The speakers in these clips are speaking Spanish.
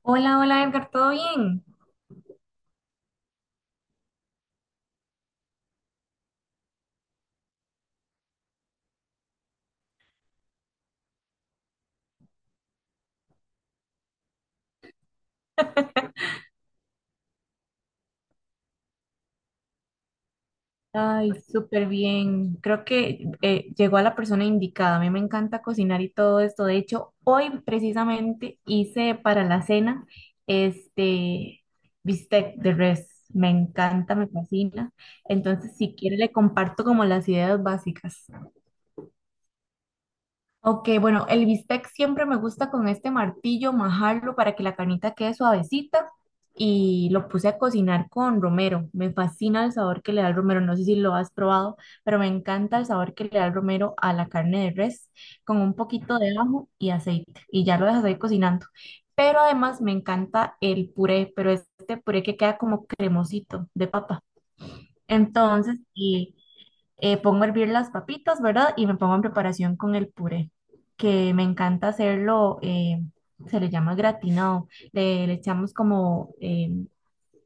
Hola, hola Edgar, ¿todo bien? Ay, súper bien. Creo que llegó a la persona indicada. A mí me encanta cocinar y todo esto. De hecho, hoy precisamente hice para la cena este bistec de res. Me encanta, me fascina. Entonces, si quiere, le comparto como las ideas básicas. Ok, bueno, el bistec siempre me gusta con este martillo majarlo para que la carnita quede suavecita y lo puse a cocinar con romero. Me fascina el sabor que le da el romero, no sé si lo has probado, pero me encanta el sabor que le da el romero a la carne de res con un poquito de ajo y aceite y ya lo dejas ahí cocinando. Pero además me encanta el puré, pero este puré que queda como cremosito de papa. Entonces, y pongo a hervir las papitas, ¿verdad? Y me pongo en preparación con el puré, que me encanta hacerlo, se le llama gratinado. Le echamos como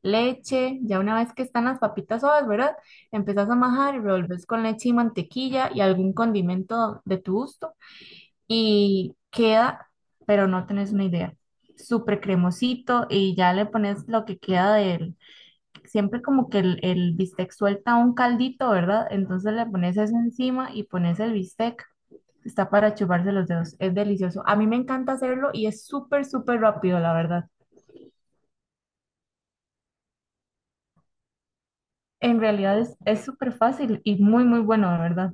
leche, ya una vez que están las papitas suaves, ¿verdad? Empezás a majar y revolves con leche y mantequilla y algún condimento de tu gusto y queda, pero no tenés una idea. Súper cremosito y ya le pones lo que queda del siempre como que el bistec suelta un caldito, ¿verdad? Entonces le pones eso encima y pones el bistec. Está para chuparse los dedos. Es delicioso. A mí me encanta hacerlo y es súper, súper rápido, la verdad. En realidad es súper fácil y muy, muy bueno, la verdad.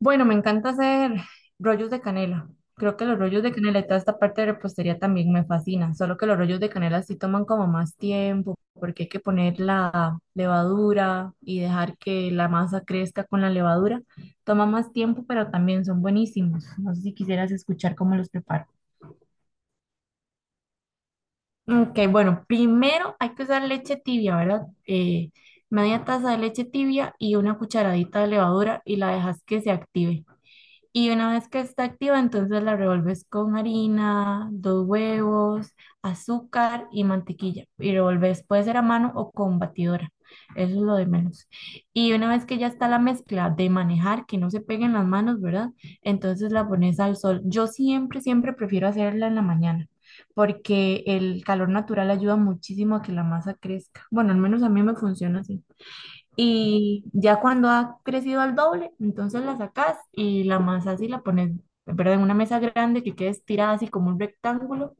Bueno, me encanta hacer rollos de canela. Creo que los rollos de canela y toda esta parte de repostería también me fascina, solo que los rollos de canela sí toman como más tiempo, porque hay que poner la levadura y dejar que la masa crezca con la levadura. Toma más tiempo, pero también son buenísimos. No sé si quisieras escuchar cómo los preparo. Ok, bueno, primero hay que usar leche tibia, ¿verdad? Media taza de leche tibia y una cucharadita de levadura y la dejas que se active. Y una vez que está activa, entonces la revuelves con harina, dos huevos, azúcar y mantequilla. Y revuelves, puede ser a mano o con batidora. Eso es lo de menos. Y una vez que ya está la mezcla de manejar, que no se peguen las manos, ¿verdad? Entonces la pones al sol. Yo siempre, siempre prefiero hacerla en la mañana, porque el calor natural ayuda muchísimo a que la masa crezca. Bueno, al menos a mí me funciona así. Y ya cuando ha crecido al doble, entonces la sacas y la amasas y la pones, pero en una mesa grande que quede estirada así como un rectángulo.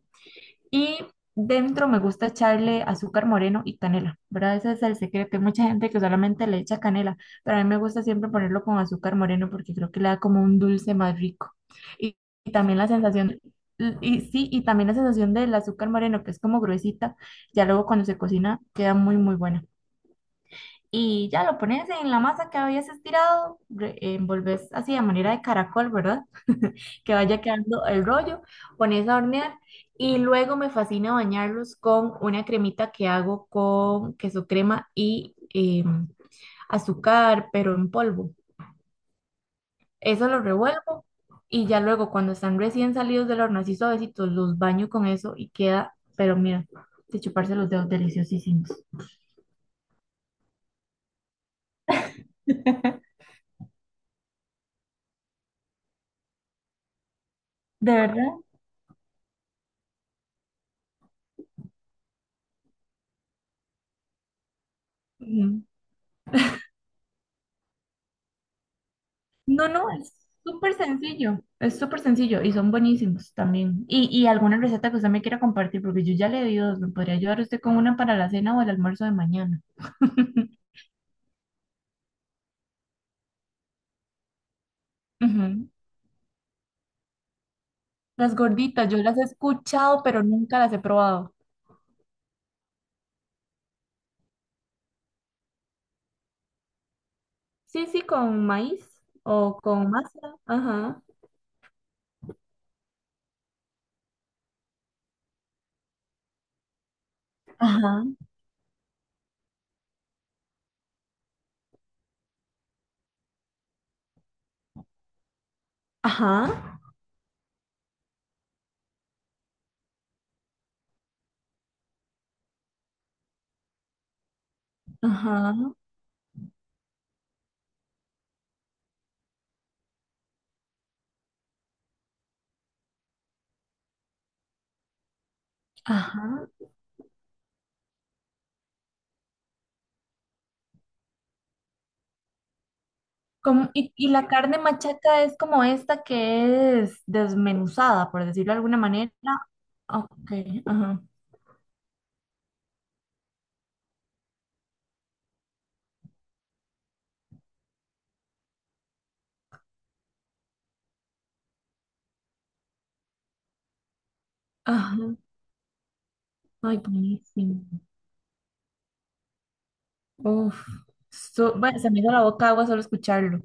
Y dentro me gusta echarle azúcar moreno y canela, ¿verdad? Ese es el secreto. Hay mucha gente que solamente le echa canela, pero a mí me gusta siempre ponerlo con azúcar moreno porque creo que le da como un dulce más rico. Y, y también la sensación, y sí, y también la sensación del azúcar moreno, que es como gruesita, ya luego cuando se cocina queda muy, muy buena y ya lo pones en la masa que habías estirado, envolves así de manera de caracol, ¿verdad? Que vaya quedando el rollo, pones a hornear y luego me fascina bañarlos con una cremita que hago con queso crema y azúcar, pero en polvo. Eso lo revuelvo y ya luego cuando están recién salidos del horno, así suavecitos, los baño con eso y queda, pero mira, de chuparse los dedos deliciosísimos. ¿De verdad? Ujú. No, no, es súper sencillo y son buenísimos también. Y alguna receta que usted me quiera compartir, porque yo ya le di dos, me podría ayudar usted con una para la cena o el almuerzo de mañana. Ujú. Las gorditas, yo las he escuchado, pero nunca las he probado. Sí, sí, con maíz o con masa. Ajá, ajá, ajá, ajá, ajá. Y la carne machaca es como esta que es desmenuzada, por decirlo de alguna manera. Ok, ajá. Ajá. Ay, buenísimo. Uf. Bueno, se me hizo la boca agua solo escucharlo.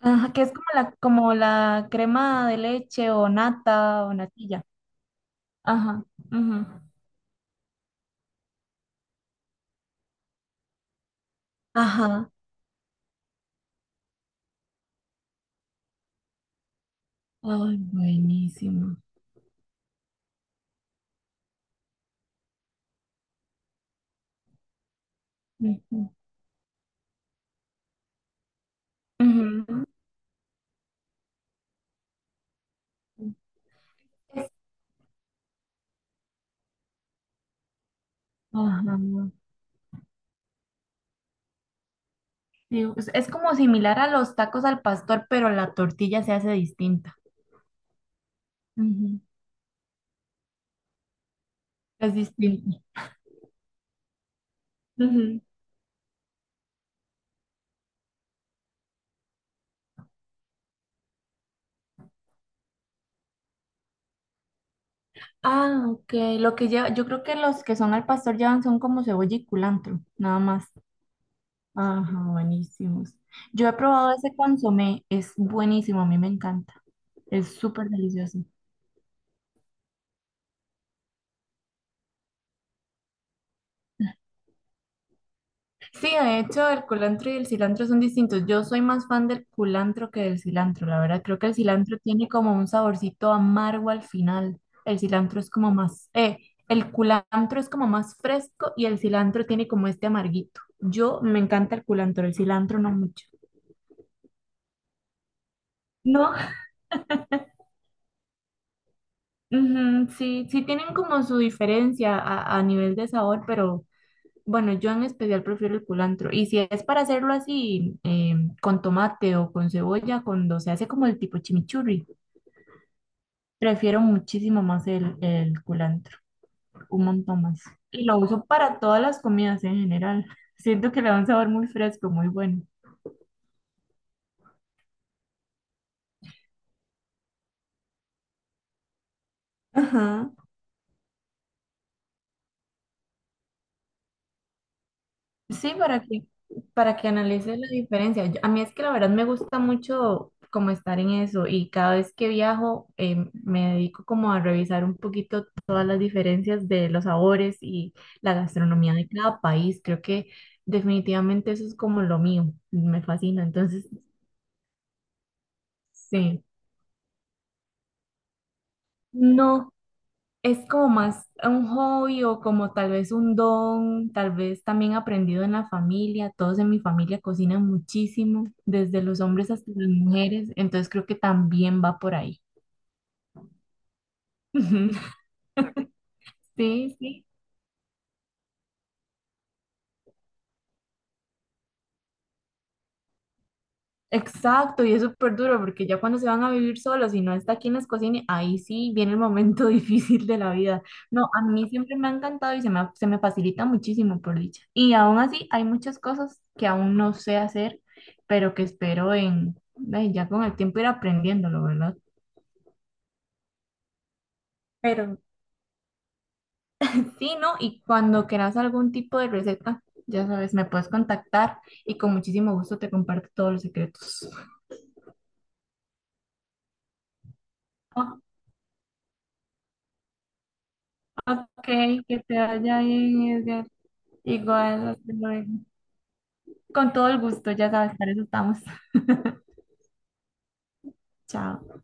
Ajá, que es como la crema de leche o nata o natilla. Ajá. Ujú. Ajá. Ay, buenísimo. Ujú. Ujú. Es- Ajá. Sí, es como similar a los tacos al pastor, pero la tortilla se hace distinta. Ujú. Es distinta. Ujú. Ah, ok. Lo que lleva, yo creo que los que son al pastor llevan son como cebolla y culantro, nada más. Ajá, buenísimos. Yo he probado ese consomé, es buenísimo, a mí me encanta. Es súper delicioso. Sí, de hecho, el culantro y el cilantro son distintos. Yo soy más fan del culantro que del cilantro, la verdad. Creo que el cilantro tiene como un saborcito amargo al final. El cilantro es como más, el culantro es como más fresco y el cilantro tiene como este amarguito. Yo me encanta el culantro, el cilantro no mucho. No, ujú, sí, sí tienen como su diferencia a nivel de sabor, pero bueno, yo en especial prefiero el culantro. Y si es para hacerlo así, con tomate o con cebolla, cuando se hace como el tipo chimichurri, prefiero muchísimo más el culantro, un montón más. Y lo uso para todas las comidas en general. Siento que le da un sabor muy fresco, muy bueno. Ajá. Sí, para que analices la diferencia. A mí es que la verdad me gusta mucho como estar en eso y cada vez que viajo me dedico como a revisar un poquito todas las diferencias de los sabores y la gastronomía de cada país. Creo que definitivamente eso es como lo mío, me fascina. Entonces, sí. No, es como más un hobby o como tal vez un don, tal vez también aprendido en la familia. Todos en mi familia cocinan muchísimo, desde los hombres hasta las mujeres, entonces creo que también va por ahí. Sí, sí. Exacto, y es súper duro porque ya cuando se van a vivir solos y no está aquí en les cocine, ahí sí viene el momento difícil de la vida. No, a mí siempre me ha encantado y se me facilita muchísimo por dicha. Y aún así hay muchas cosas que aún no sé hacer, pero que ay, ya con el tiempo ir aprendiéndolo, ¿verdad? Pero sí, ¿no? Y cuando quieras algún tipo de receta, ya sabes, me puedes contactar y con muchísimo gusto te comparto todos los secretos. Oh, ok, que te vaya bien, Edgar. Igual, hasta luego. Con todo el gusto, ya sabes, para eso estamos. Chao.